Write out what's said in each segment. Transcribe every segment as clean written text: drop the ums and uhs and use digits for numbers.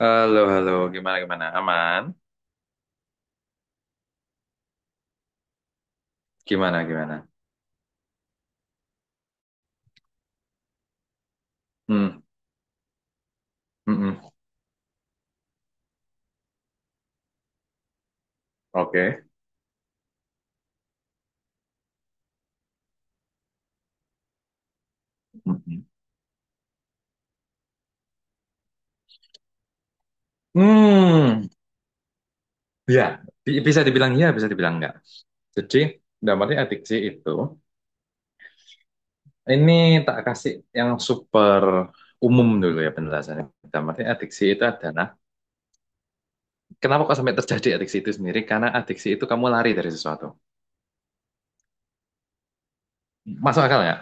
Halo, halo, gimana, gimana? Aman? Gimana, gimana? Hmm, mm-mm. Oke. Mm-mm. Hmm, hmm. Ya, bisa dibilang ya, bisa dibilang enggak. Jadi, dalam arti adiksi itu, ini tak kasih yang super umum dulu ya penjelasannya. Dalam arti adiksi itu adalah, kenapa kok sampai terjadi adiksi itu sendiri? Karena adiksi itu kamu lari dari sesuatu. Masuk akal ya?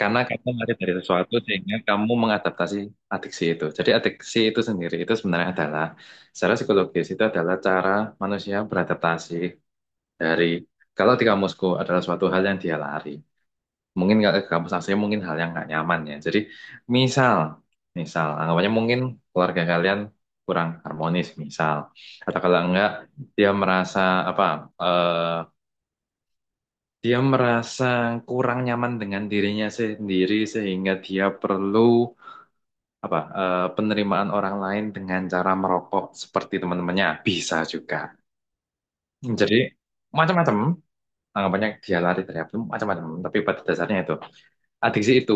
Karena kamu lari dari sesuatu sehingga kamu mengadaptasi adiksi itu. Jadi adiksi itu sendiri itu sebenarnya adalah secara psikologis itu adalah cara manusia beradaptasi dari kalau di kamusku adalah suatu hal yang dia lari. Mungkin nggak ke kampus asli mungkin hal yang nggak nyaman ya. Jadi misal, misal anggapannya mungkin keluarga kalian kurang harmonis misal atau kalau enggak dia merasa apa eh, dia merasa kurang nyaman dengan dirinya sendiri sehingga dia perlu apa eh, penerimaan orang lain dengan cara merokok seperti teman-temannya bisa juga. Jadi macam-macam anggapannya dia lari dari apa macam-macam. Tapi pada dasarnya itu adiksi itu,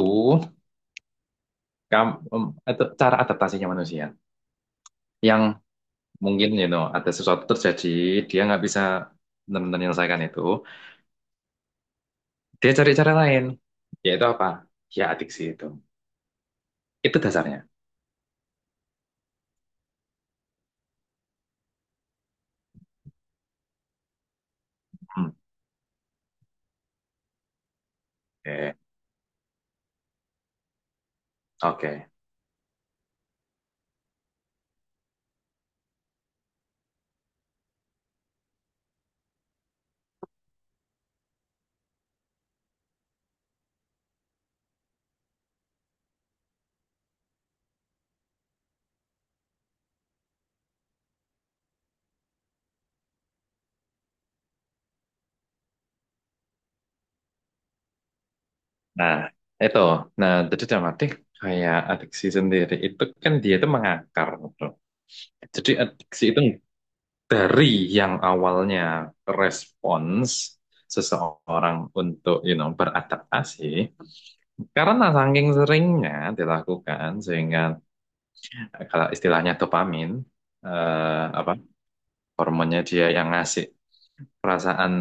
kam- em, itu cara adaptasinya manusia yang mungkin ada sesuatu terjadi dia nggak bisa benar-benar menyelesaikan itu. Dia cari cara lain yaitu apa? Ya adiksi itu. Itu dasarnya. Hmm. Oke. Oke. Nah, itu. Nah, jadi dalam arti kayak adiksi sendiri itu kan dia itu mengakar gitu. Jadi adiksi itu dari yang awalnya respons seseorang untuk beradaptasi karena saking seringnya dilakukan sehingga kalau istilahnya dopamin eh, apa hormonnya dia yang ngasih perasaan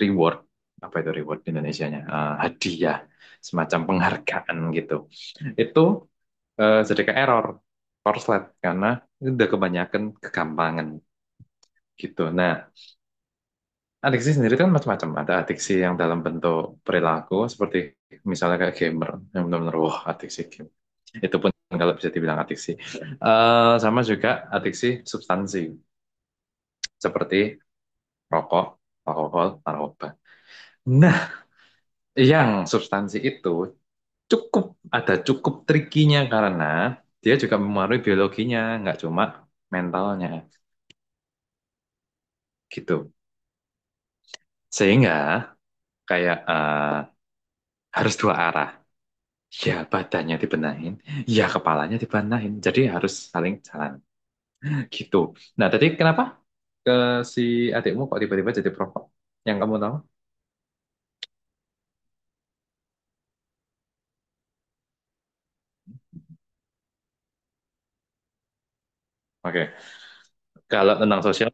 reward apa itu reward di Indonesianya? Eh, hadiah semacam penghargaan gitu itu eh, sedikit error korslet karena udah kebanyakan kegampangan gitu. Nah, adiksi sendiri kan macam-macam. Ada adiksi yang dalam bentuk perilaku seperti misalnya kayak gamer yang benar-benar wah adiksi game. Itu pun kalau bisa dibilang adiksi. Eh, sama juga adiksi substansi seperti rokok, alkohol, narkoba. Nah, yang substansi itu cukup ada cukup trikinya karena dia juga mempengaruhi biologinya, nggak cuma mentalnya gitu. Sehingga kayak eh, harus dua arah. Ya badannya dibenahin, ya kepalanya dibenahin. Jadi harus saling jalan gitu. Nah, tadi kenapa ke si adikmu kok tiba-tiba jadi perokok? Yang kamu tahu? Oke, kalau tentang sosial,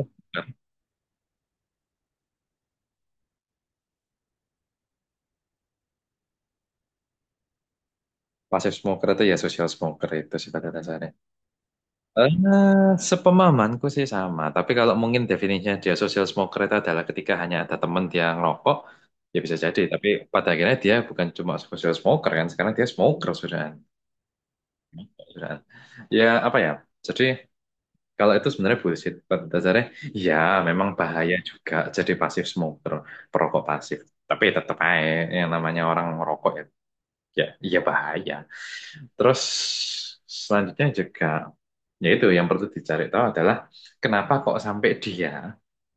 passive smoker itu ya social smoker itu sih pada dasarnya. Eh, sepemahamanku sih sama, tapi kalau mungkin definisinya dia social smoker itu adalah ketika hanya ada teman dia ngerokok, ya bisa jadi. Tapi pada akhirnya dia bukan cuma social smoker kan, sekarang dia smoker sudah. Sudah. Ya apa ya, jadi kalau itu sebenarnya bullshit. Pada dasarnya, ya memang bahaya juga jadi pasif smoker, perokok pasif. Tapi tetap aja yang namanya orang ngerokok ya, ya, ya bahaya. Terus selanjutnya juga yaitu yang perlu dicari tahu adalah kenapa kok sampai dia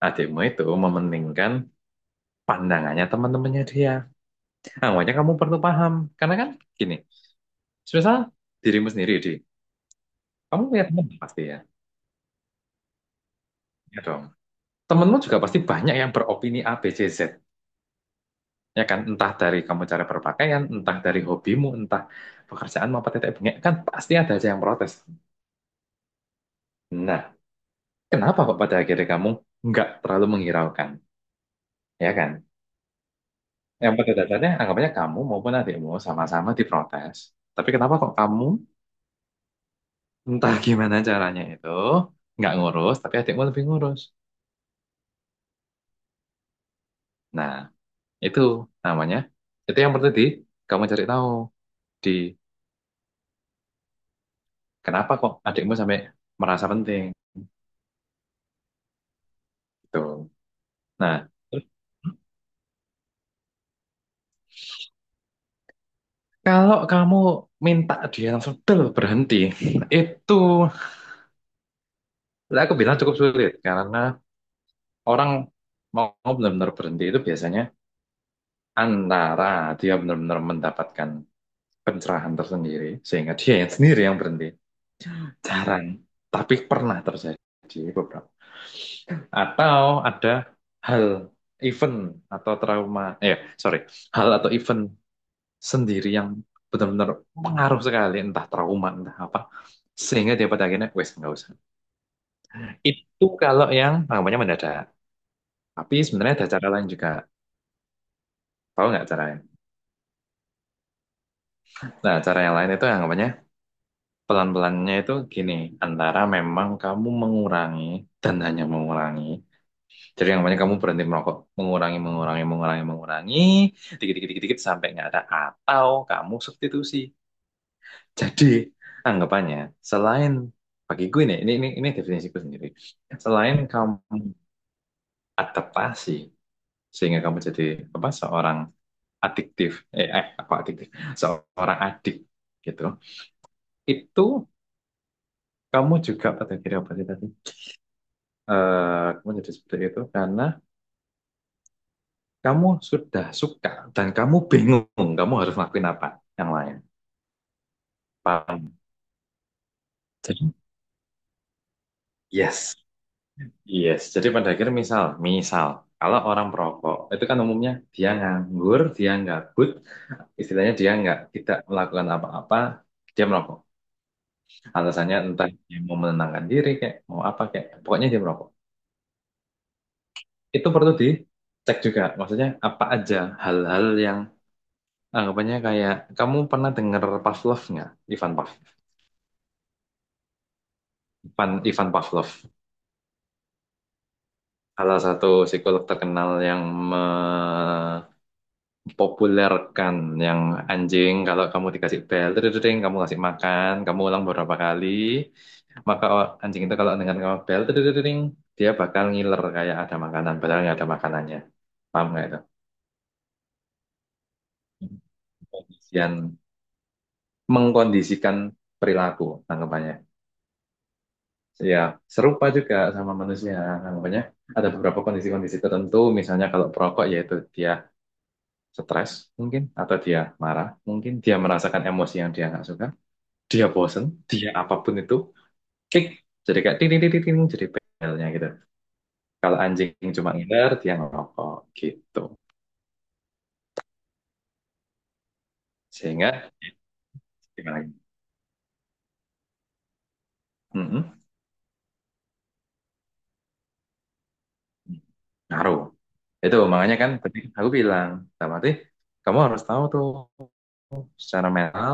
adikmu itu mementingkan pandangannya teman-temannya dia. Nah, makanya kamu perlu paham karena kan gini, misal dirimu sendiri di kamu punya teman pasti ya, ya dong. Temenmu juga pasti banyak yang beropini A, B, C, Z. Ya kan, entah dari kamu cara berpakaian, entah dari hobimu, entah pekerjaan maupun tetek bengek, kan pasti ada aja yang protes. Nah, kenapa kok pada akhirnya kamu nggak terlalu menghiraukan? Ya kan? Yang pada dasarnya anggapannya kamu maupun adikmu sama-sama diprotes. Tapi kenapa kok kamu entah gimana caranya itu nggak ngurus, tapi adikmu lebih ngurus. Nah, itu namanya. Itu yang perlu di kamu cari tahu di kenapa kok adikmu sampai merasa penting gitu. Nah, terus kalau kamu minta dia langsung, "Del, berhenti," itu lah aku bilang cukup sulit karena orang mau benar-benar berhenti itu biasanya antara dia benar-benar mendapatkan pencerahan tersendiri sehingga dia yang sendiri yang berhenti, jarang tapi pernah terjadi beberapa, atau ada hal, event atau trauma, eh sorry, hal atau event sendiri yang benar-benar pengaruh sekali, entah trauma entah apa, sehingga dia pada akhirnya wes nggak usah. Itu kalau yang anggapannya mendadak, tapi sebenarnya ada cara lain juga. Tahu nggak cara lain? Nah, cara yang lain itu anggapannya pelan-pelannya itu gini, antara memang kamu mengurangi dan hanya mengurangi. Jadi yang namanya kamu berhenti merokok, mengurangi, mengurangi, mengurangi, mengurangi, dikit, dikit, dikit, dikit sampai nggak ada. Atau kamu substitusi. Jadi anggapannya selain bagi gue nih, ini definisiku sendiri. Selain kamu adaptasi sehingga kamu jadi apa seorang adiktif, eh, eh apa adiktif, seorang adik gitu. Itu kamu juga pada diri apa sih tadi? Eh kamu jadi seperti itu karena kamu sudah suka dan kamu bingung kamu harus ngelakuin apa yang lain. Paham? Jadi, yes, yes. Jadi pada akhirnya misal, misal kalau orang perokok itu kan umumnya dia nganggur, dia gabut, istilahnya dia nggak tidak melakukan apa-apa, dia merokok. Alasannya entah dia mau menenangkan diri kayak mau apa kayak, pokoknya dia merokok. Itu perlu dicek juga, maksudnya apa aja hal-hal yang anggapannya. Kayak kamu pernah dengar Pavlov nggak? Ivan Pavlov, salah satu psikolog terkenal yang mempopulerkan yang anjing kalau kamu dikasih bel, dring, kamu kasih makan, kamu ulang beberapa kali, maka anjing itu kalau dengar kamu bel, dring, dia bakal ngiler kayak ada makanan, padahal nggak ada makanannya. Paham nggak itu? Pengkondisian, mengkondisikan perilaku, anggapannya ya serupa juga sama manusia. Nah, makanya ada beberapa kondisi-kondisi tertentu, misalnya kalau perokok yaitu dia stres mungkin, atau dia marah mungkin, dia merasakan emosi yang dia nggak suka, dia bosen, dia apapun itu, kick, jadi kayak ting ting ting ting, ting, jadi pelnya gitu. Kalau anjing cuma ngiler, dia ngerokok gitu. Sehingga gimana? Lagi? Mm-mm. Ngaruh. Itu makanya kan tadi aku bilang, sama kamu harus tahu tuh secara mental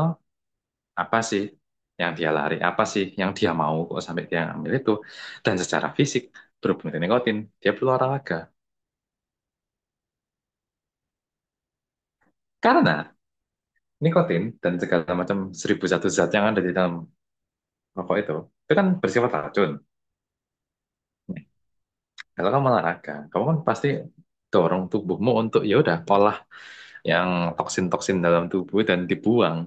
apa sih yang dia lari, apa sih yang dia mau kok sampai dia ngambil itu. Dan secara fisik, berhubung dengan nikotin, dia perlu olahraga. Karena nikotin dan segala macam seribu satu zat yang ada di dalam rokok itu kan bersifat racun. Nah, kalau kamu olahraga, kamu kan pasti dorong tubuhmu untuk ya udah olah yang toksin-toksin dalam tubuh dan dibuang.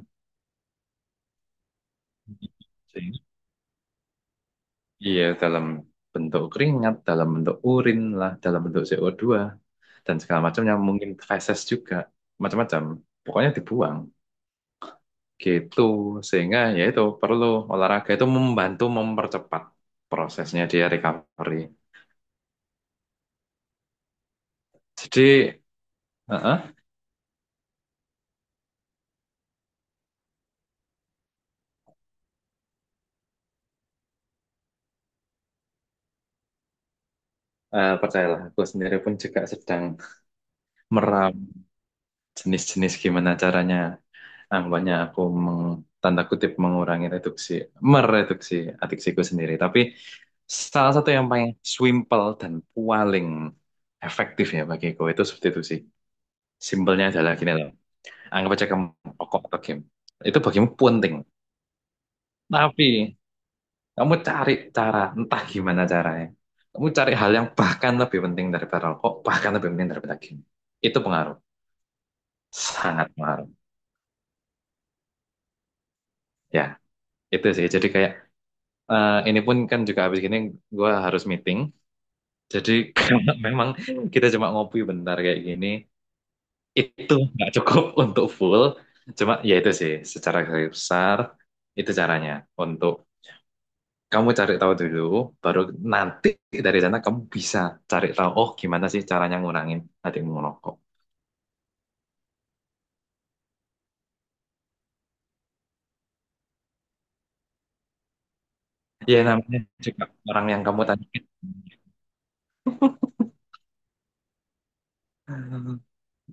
Iya, dalam bentuk keringat, dalam bentuk urin lah, dalam bentuk CO2, dan segala macam yang mungkin feses juga, macam-macam. Pokoknya dibuang, gitu. Sehingga ya itu perlu, olahraga itu membantu mempercepat prosesnya dia recovery. Jadi, uh-uh, eh, percayalah, aku sendiri pun juga sedang meram jenis-jenis gimana caranya. Nah, aku meng, tanda kutip mengurangi reduksi, mereduksi adiksiku sendiri. Tapi salah satu yang paling simple dan paling efektif ya bagiku itu substitusi. Simpelnya adalah gini loh. Anggap aja kamu rokok atau game. Itu bagimu penting. Tapi kamu cari cara, entah gimana caranya. Kamu cari hal yang bahkan lebih penting daripada rokok, bahkan lebih penting daripada game. Itu pengaruh. Sangat pengaruh. Ya, itu sih. Jadi kayak eh, ini pun kan juga habis gini gue harus meeting. Jadi kalau memang kita cuma ngopi bentar kayak gini, itu nggak cukup untuk full. Cuma ya itu sih, secara garis besar itu caranya, untuk kamu cari tahu dulu, baru nanti dari sana kamu bisa cari tahu, oh gimana sih caranya ngurangin adikmu merokok. Ya namanya juga orang yang kamu tanya.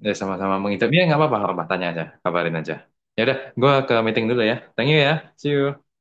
Ya sama-sama mengidap. Ya nggak apa-apa, nggak apa-apa. Tanya aja, kabarin aja. Ya udah, gue ke meeting dulu ya. Thank you ya. See you.